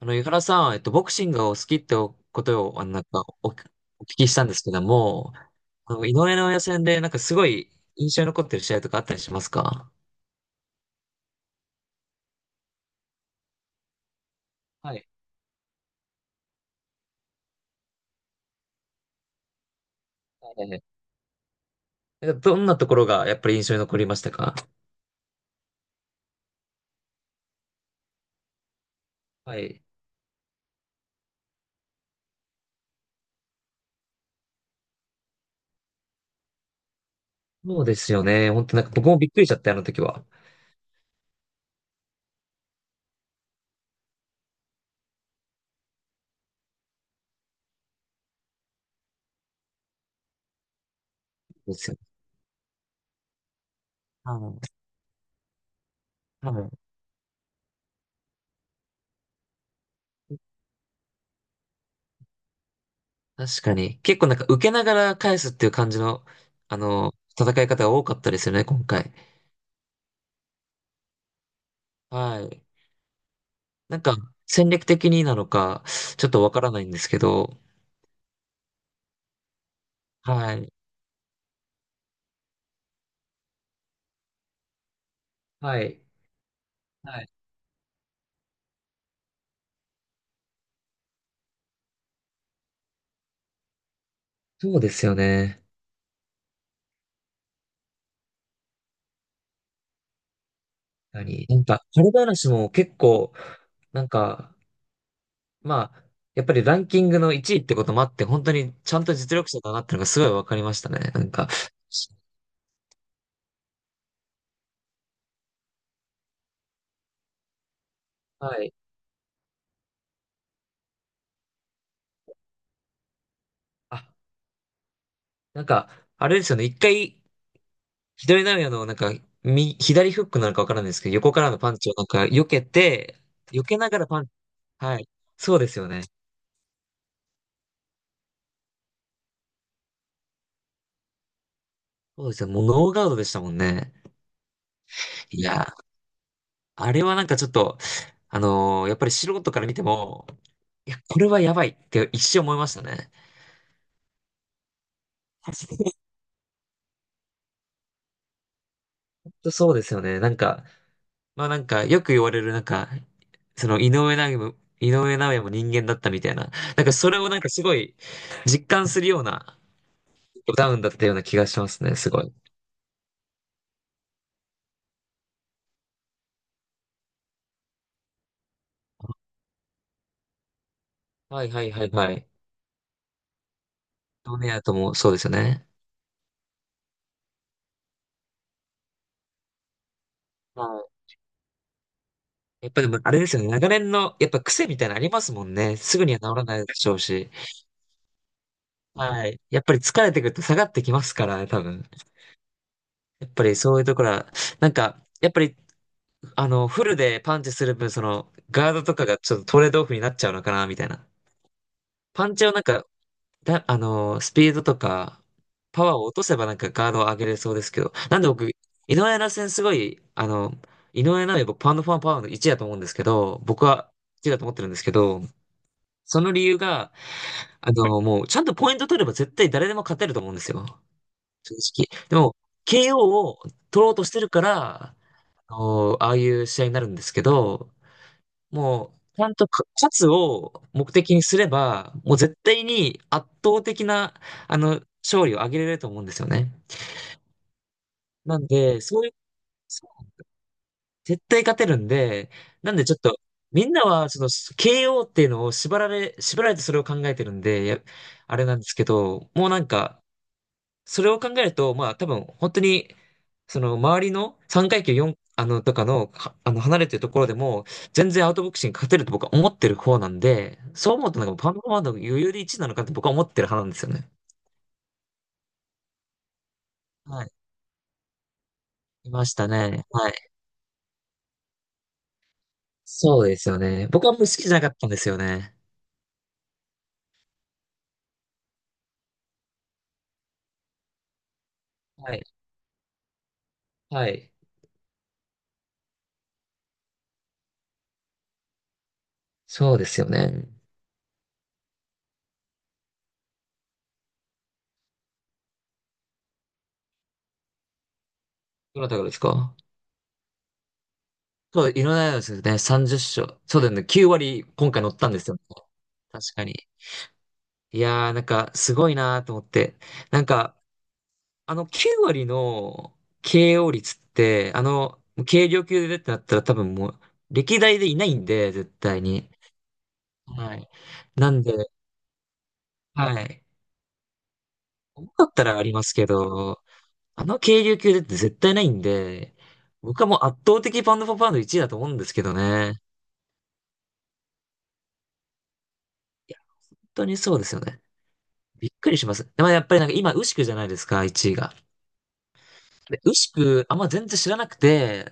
井原さん、ボクシングがお好きってことを、なんかお聞きしたんですけども、井上尚弥戦で、なんかすごい印象に残ってる試合とかあったりしますか？はい。はいはい。なんかどんなところがやっぱり印象に残りましたか？はい。そうですよね。本当なんか僕もびっくりしちゃった、あの時は。ですよね。はいはい。確かに。結構なんか受けながら返すっていう感じの、あの、戦い方が多かったですよね、今回。はい。なんか、戦略的になのか、ちょっとわからないんですけど、はい。はい。はい。そうですよね。何なんか、彼話も結構、なんか、まあ、やっぱりランキングの1位ってこともあって、本当にちゃんと実力者だなってのがすごいわかりましたね。なんか、はい。あ、なんか、あれですよね。一回、左投げの、なんか、み左フックなのかわからないですけど、横からのパンチをなんか、避けて、避けながらパン、はい。そうですよね。そうですよ。もうノーガードでしたもんね。いやー、あれはなんかちょっと、やっぱり素人から見ても、いや、これはやばいって一瞬思いましたね。そうですよね。なんか、まあなんか、よく言われるなんか、その井上尚弥も、井上尚弥も人間だったみたいな。なんかそれをなんかすごい実感するようなダウンだったような気がしますね、すごい。はいはいはいはい。ドネアともそうですよね。はい。やっぱでもあれですよね、長年のやっぱ癖みたいなのありますもんね。すぐには治らないでしょうし。はい。やっぱり疲れてくると下がってきますからね、多分。やっぱりそういうところは、なんか、やっぱり、フルでパンチする分、その、ガードとかがちょっとトレードオフになっちゃうのかな、みたいな。パンチをなんか、だ、あの、スピードとか、パワーを落とせばなんかガードを上げれそうですけど、なんで僕、井上奈戦すごい、井上尚弥僕、パウンドファンパワーの1だと思うんですけど、僕は1だと思ってるんですけど、その理由が、もう、ちゃんとポイント取れば絶対誰でも勝てると思うんですよ。正直。でも、KO を取ろうとしてるから、あのああいう試合になるんですけど、もう、ちゃんとか勝つを目的にすれば、もう絶対に圧倒的な、勝利を挙げれると思うんですよね。なんで、そういう、そう絶対勝てるんで、なんでちょっと、みんなは、その、KO っていうのを縛られてそれを考えてるんで、やあれなんですけど、もうなんか、それを考えると、まあ多分本当に、その周りの3階級4、とかの、はあの、離れてるところでも、全然アウトボクシング勝てると僕は思ってる方なんで、そう思うとなんかもうパンパンパンの余裕で1なのかって僕は思ってる派なんですよね。はい。いましたね。はい。そうですよね。僕はあんまり好きじゃなかったんですよね。はい。はい。そうですよね。どなたがですか？そう、いろんなやつですね。30勝。そうだよね。9割今回乗ったんですよね。確かに。いやー、なんか、すごいなーと思って。なんか、9割の KO 率って、軽量級でってなったら多分もう、歴代でいないんで、絶対に。はい。なんで、はい。重かったらありますけど、あの軽量級でって絶対ないんで、僕はもう圧倒的パウンドフォーパウンド1位だと思うんですけどね。いや、本当にそうですよね。びっくりします。でもやっぱりなんか今、ウシクじゃないですか、1位が。で、ウシクあんま全然知らなくて、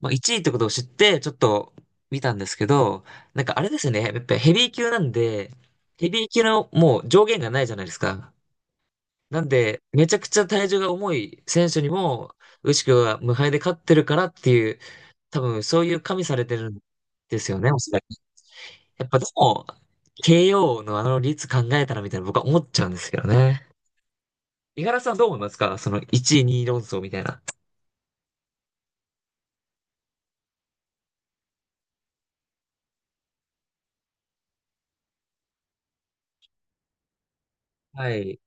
まあ、1位ってことを知って、ちょっと見たんですけど、なんかあれですね、やっぱりヘビー級なんで、ヘビー級のもう上限がないじゃないですか。なんで、めちゃくちゃ体重が重い選手にも、ウシクは無敗で勝ってるからっていう、多分そういう加味されてるんですよね、おそらく。やっぱでも、KO のあの率考えたらみたいな僕は思っちゃうんですけどね。五十嵐さんどう思いますか、その1位2位論争みたいな。はい。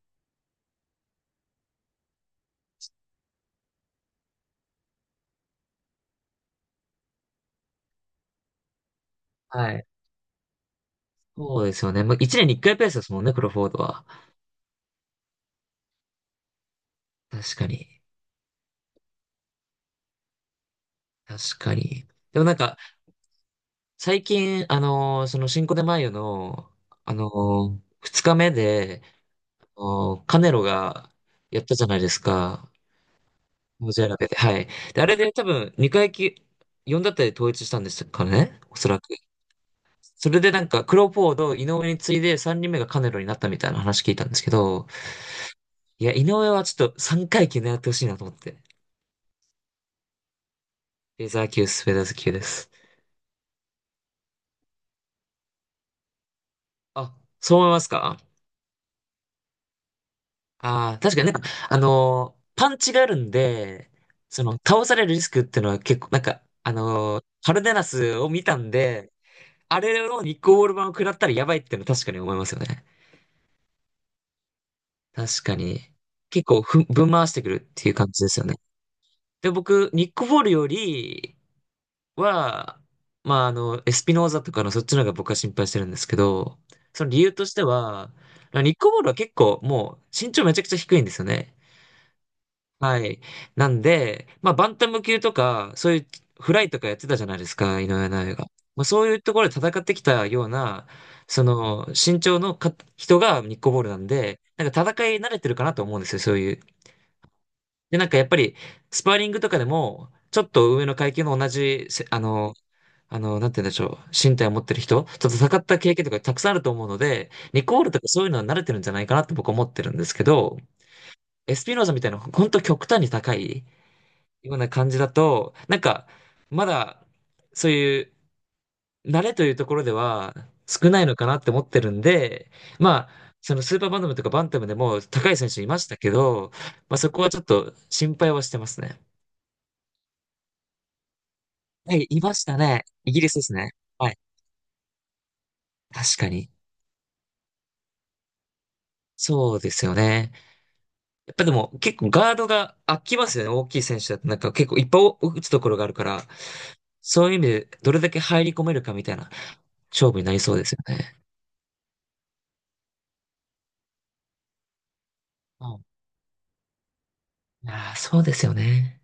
はい。そうですよね。まあ、一年に一回ペースですもんね、クロフォードは。確かに。確かに。でもなんか、最近、その新コでマイヨの、二日目で、カネロがやったじゃないですか。モジェラベで。はい。で、あれで多分、二回き、4だったり統一したんですかね。おそらく。それでなんか、クロフォード、井上に次いで三人目がカネロになったみたいな話聞いたんですけど、いや、井上はちょっと三回級狙ってほしいなと思って。レーザー級、スペーダーズ級です。あ、そう思いますか？ああー、確かになんか、パンチがあるんで、その、倒されるリスクっていうのは結構、なんか、カルデナスを見たんで、あれのニッコール版を食らったらやばいっていうのは確かに思いますよね。確かに。結構ぶん回してくるっていう感じですよね。で、僕、ニックボールよりは、まあ、エスピノーザとかのそっちの方が僕は心配してるんですけど、その理由としては、ニックボールは結構もう身長めちゃくちゃ低いんですよね。はい。なんで、まあ、バンタム級とか、そういうフライとかやってたじゃないですか、井上尚弥が。まあ、そういうところで戦ってきたような、その、身長のか人がニッコボールなんで、なんか戦い慣れてるかなと思うんですよ、そういう。で、なんかやっぱり、スパーリングとかでも、ちょっと上の階級の同じせ、あの、あの、なんて言うんでしょう、身体を持ってる人と戦った経験とかたくさんあると思うので、ニッコボールとかそういうのは慣れてるんじゃないかなって僕は思ってるんですけど、エスピノーザみたいな、本当極端に高いような感じだと、なんか、まだ、そういう、慣れというところでは少ないのかなって思ってるんで、まあ、そのスーパーバンタムとかバンタムでも高い選手いましたけど、まあそこはちょっと心配はしてますね。はい、いましたね。イギリスですね。はい。確かに。そうですよね。やっぱでも結構ガードが空きますよね。大きい選手だとなんか結構いっぱい打つところがあるから、そういう意味でどれだけ入り込めるかみたいな勝負になりそうですよね。いやー、そうですよね。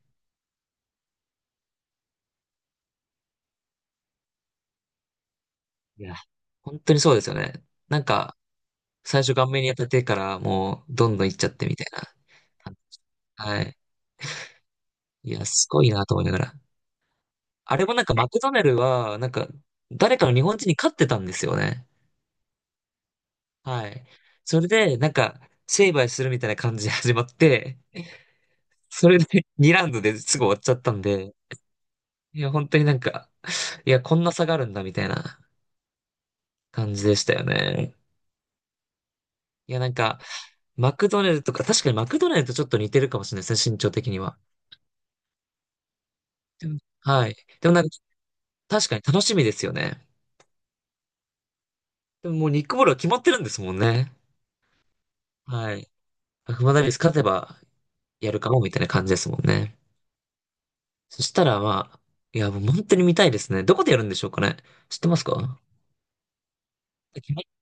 いや、本当にそうですよね。なんか、最初顔面に当たってからもう、どんどん行っちゃってみたいな。はい。いや、すごいなと思いながら。あれもなんかマクドナルドは、なんか、誰かの日本人に勝ってたんですよね。はい。それで、なんか、成敗するみたいな感じで始まって、それで2ラウンドですぐ終わっちゃったんで、いや、本当になんか、いや、こんな差があるんだみたいな感じでしたよね。いや、なんか、マクドネルとか、確かにマクドネルとちょっと似てるかもしれないですね、身長的には。でもはい。でもなんか、確かに楽しみですよね。でももうニックボールは決まってるんですもんね。はい。アマダビス勝てばやるかもみたいな感じですもんね。そしたらまあ、いや、もう本当に見たいですね。どこでやるんでしょうかね。知ってますか？決まっ、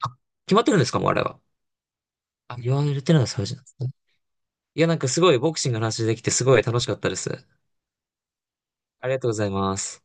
あ、決まってるんですかもうあれは。あ、言われてるのはそれじゃないですね。いや、なんかすごいボクシングの話できてすごい楽しかったです。ありがとうございます。